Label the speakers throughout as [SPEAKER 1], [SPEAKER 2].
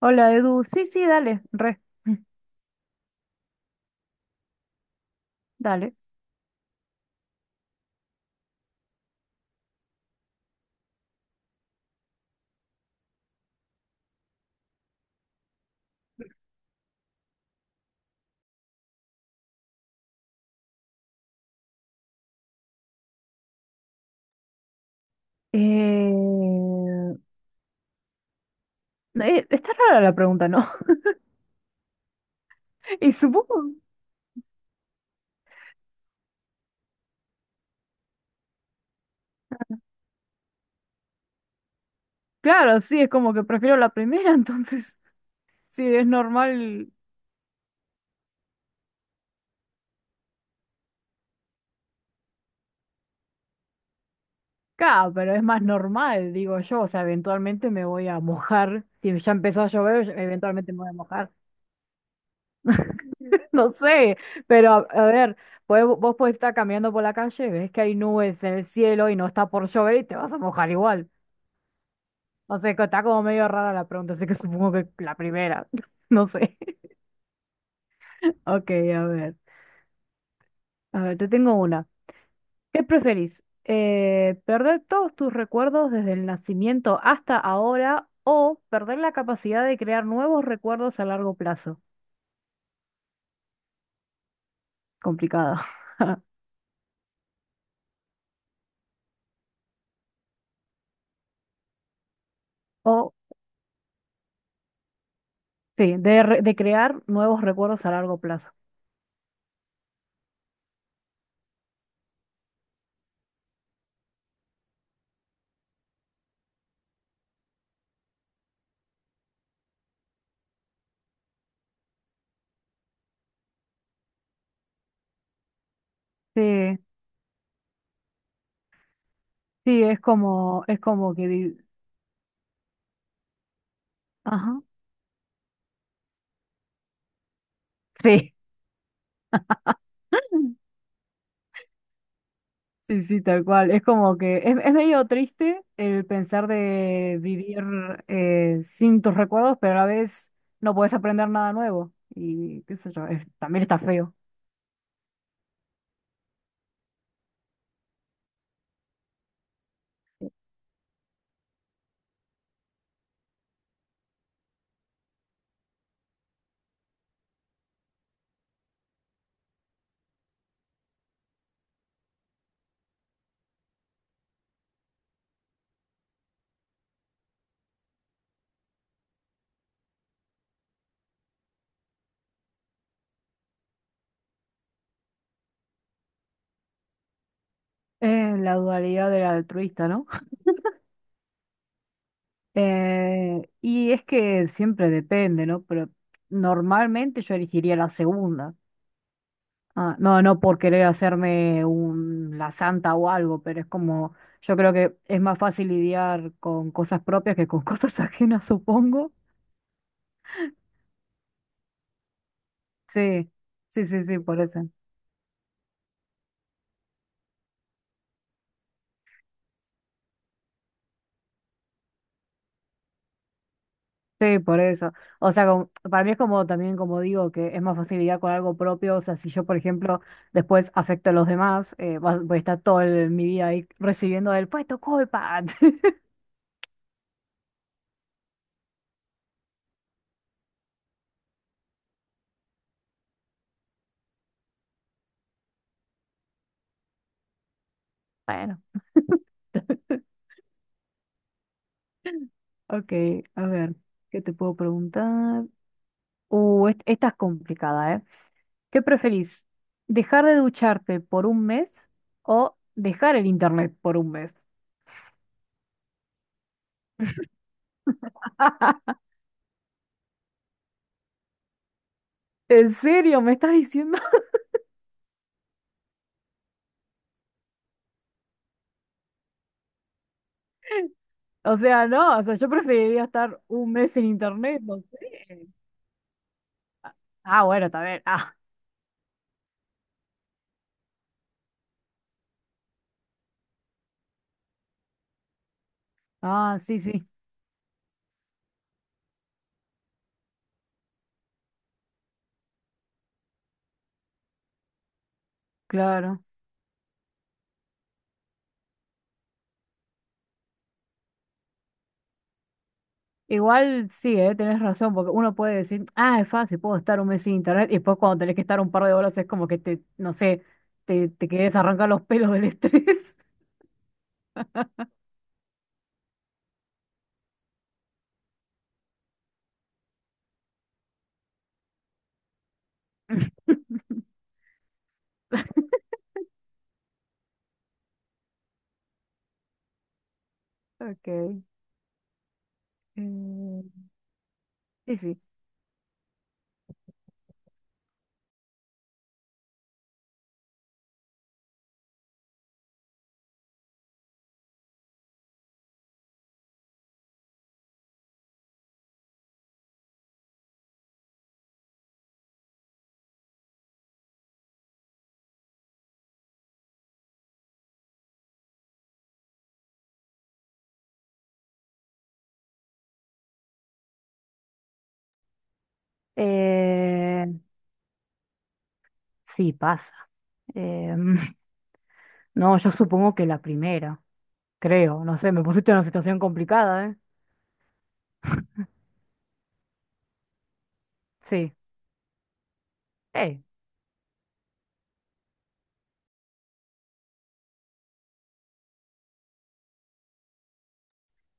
[SPEAKER 1] Hola, Edu. Sí, sí, dale, re, dale. Eh, está rara la pregunta, ¿no? Y supongo, claro, sí, es como que prefiero la primera, entonces, sí, es normal, claro, pero es más normal, digo yo, o sea, eventualmente me voy a mojar, si ya empezó a llover, eventualmente me voy a mojar, no sé, pero a ver, vos podés estar caminando por la calle, ves que hay nubes en el cielo y no está por llover y te vas a mojar igual. O sea, está como medio rara la pregunta, así que supongo que la primera. No sé. Ok, a ver. A ver, te tengo una. ¿Qué preferís? ¿Perder todos tus recuerdos desde el nacimiento hasta ahora o perder la capacidad de crear nuevos recuerdos a largo plazo? Complicado. O, sí, de crear nuevos recuerdos a largo plazo. Sí, sí, es como, es como que. Ajá. Sí. Sí, sí, tal cual. Es como que es medio triste el pensar de vivir sin tus recuerdos, pero a la vez no puedes aprender nada nuevo. Y qué sé yo, también está feo. La dualidad del altruista, ¿no? Y es que siempre depende, ¿no? Pero normalmente yo elegiría la segunda. Ah, no, no por querer hacerme un, la santa o algo, pero es como, yo creo que es más fácil lidiar con cosas propias que con cosas ajenas, supongo. Sí, sí, sí, sí, por eso. Sí, por eso. O sea, para mí es como también, como digo, que es más fácil facilidad con algo propio. O sea, si yo, por ejemplo, después afecto a los demás, voy a estar toda mi vida ahí recibiendo el, fue tu culpa. Bueno, ok, a ver, ¿qué te puedo preguntar? Esta es complicada, ¿eh? ¿Qué preferís? ¿Dejar de ducharte por un mes o dejar el internet por un mes? ¿En serio? ¿Me estás diciendo? O sea, no, o sea, yo preferiría estar un mes sin internet, no sé. Ah, bueno, está bien. Ah, ah, sí, sí, claro. Igual sí, tenés razón, porque uno puede decir, ah, es fácil, puedo estar un mes sin internet, y después cuando tenés que estar un par de horas es como que te, no sé, te querés arrancar los pelos del estrés. Ok. eh, sí, sí. Eh, sí, pasa. Em, no, yo supongo que la primera, creo, no sé, me pusiste en una situación complicada, ¿eh? Sí. Eh,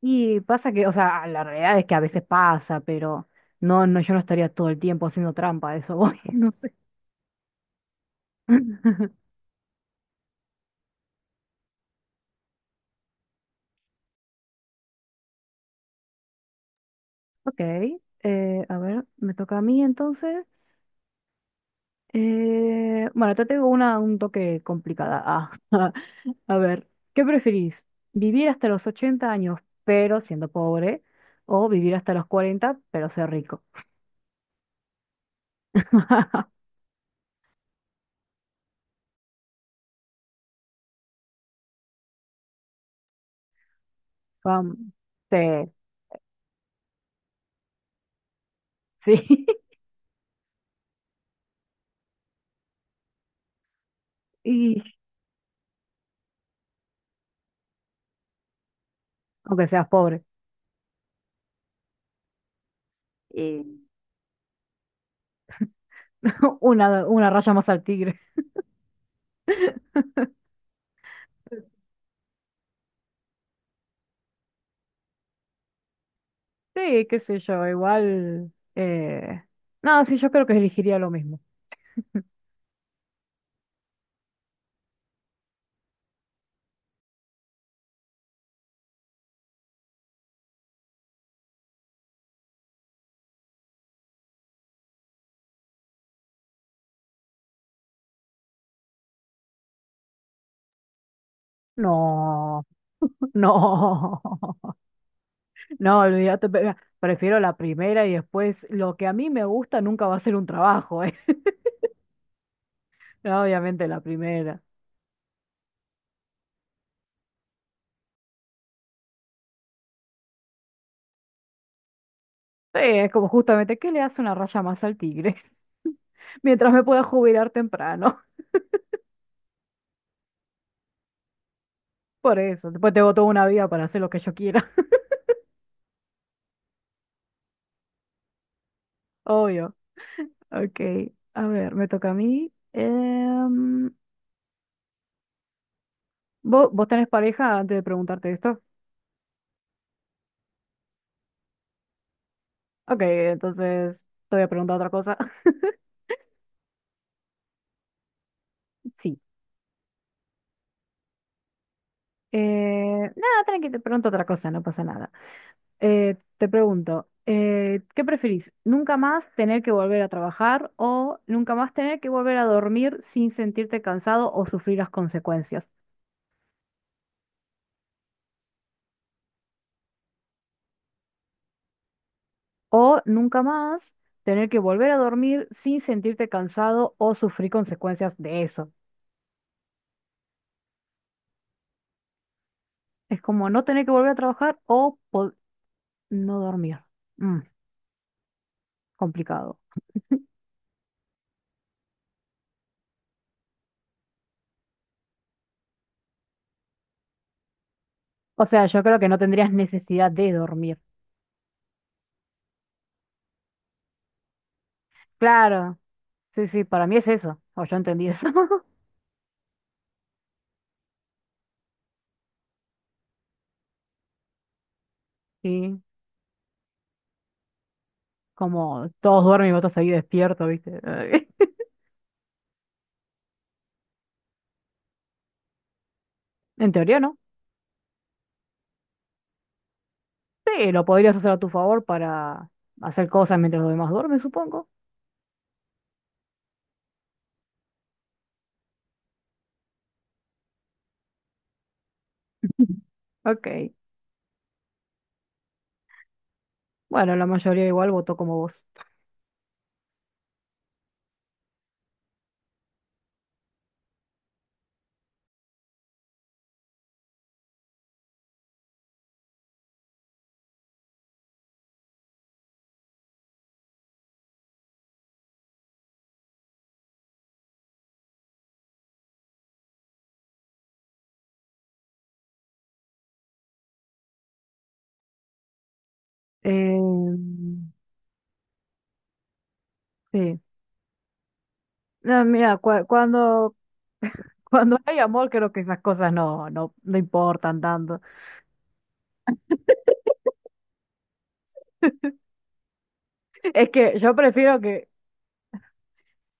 [SPEAKER 1] y pasa que, o sea, la realidad es que a veces pasa, pero no, no, yo no estaría todo el tiempo haciendo trampa, a eso voy, no sé. Ok, a ver, me toca a mí entonces. Bueno, te tengo una un toque complicada. Ah, a ver, ¿qué preferís? ¿Vivir hasta los 80 años pero siendo pobre? ¿O vivir hasta los cuarenta pero ser rico? Vam- sí, sí, y aunque seas pobre. Una raya más al tigre. Sí, qué sé yo, igual. Eh... No, sí, yo creo que elegiría lo mismo. No, no, no, olvídate, prefiero la primera y después lo que a mí me gusta nunca va a ser un trabajo, ¿eh? No, obviamente la primera. Sí, es como justamente, ¿qué le hace una raya más al tigre? Mientras me pueda jubilar temprano. Por eso, después tengo toda una vida para hacer lo que yo quiera, obvio. Ok, a ver, me toca a mí. Em, ¿vos, tenés pareja antes de preguntarte esto? Ok, entonces te voy a preguntar otra cosa. Sí. Nada, tranqui, te pregunto otra cosa, no pasa nada. Te pregunto, ¿qué preferís? ¿Nunca más tener que volver a trabajar o nunca más tener que volver a dormir sin sentirte cansado o sufrir las consecuencias? O nunca más tener que volver a dormir sin sentirte cansado o sufrir consecuencias de eso. Es como no tener que volver a trabajar o no dormir. Mm, complicado. O sea, yo creo que no tendrías necesidad de dormir. Claro. Sí, sí, para mí es eso. O yo entendí eso. Sí, como todos duermen y vos estás ahí despierto, ¿viste? En teoría, ¿no? Sí, lo podrías usar a tu favor para hacer cosas mientras los demás duermen, supongo. Ok. Bueno, la mayoría igual votó como vos. Eh, sí. No, mira, cuando hay amor, creo que esas cosas no, no, no importan tanto. Es que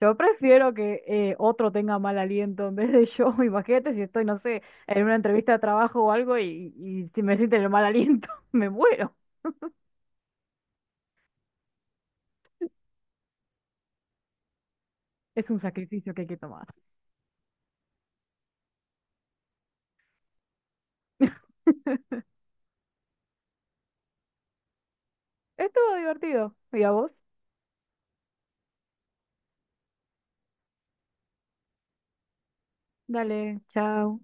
[SPEAKER 1] yo prefiero que otro tenga mal aliento en vez de yo. Imagínate si estoy, no sé, en una entrevista de trabajo o algo y si me sienten el mal aliento, me muero. Es un sacrificio que hay que tomar. Estuvo divertido. ¿Y a vos? Dale, chao.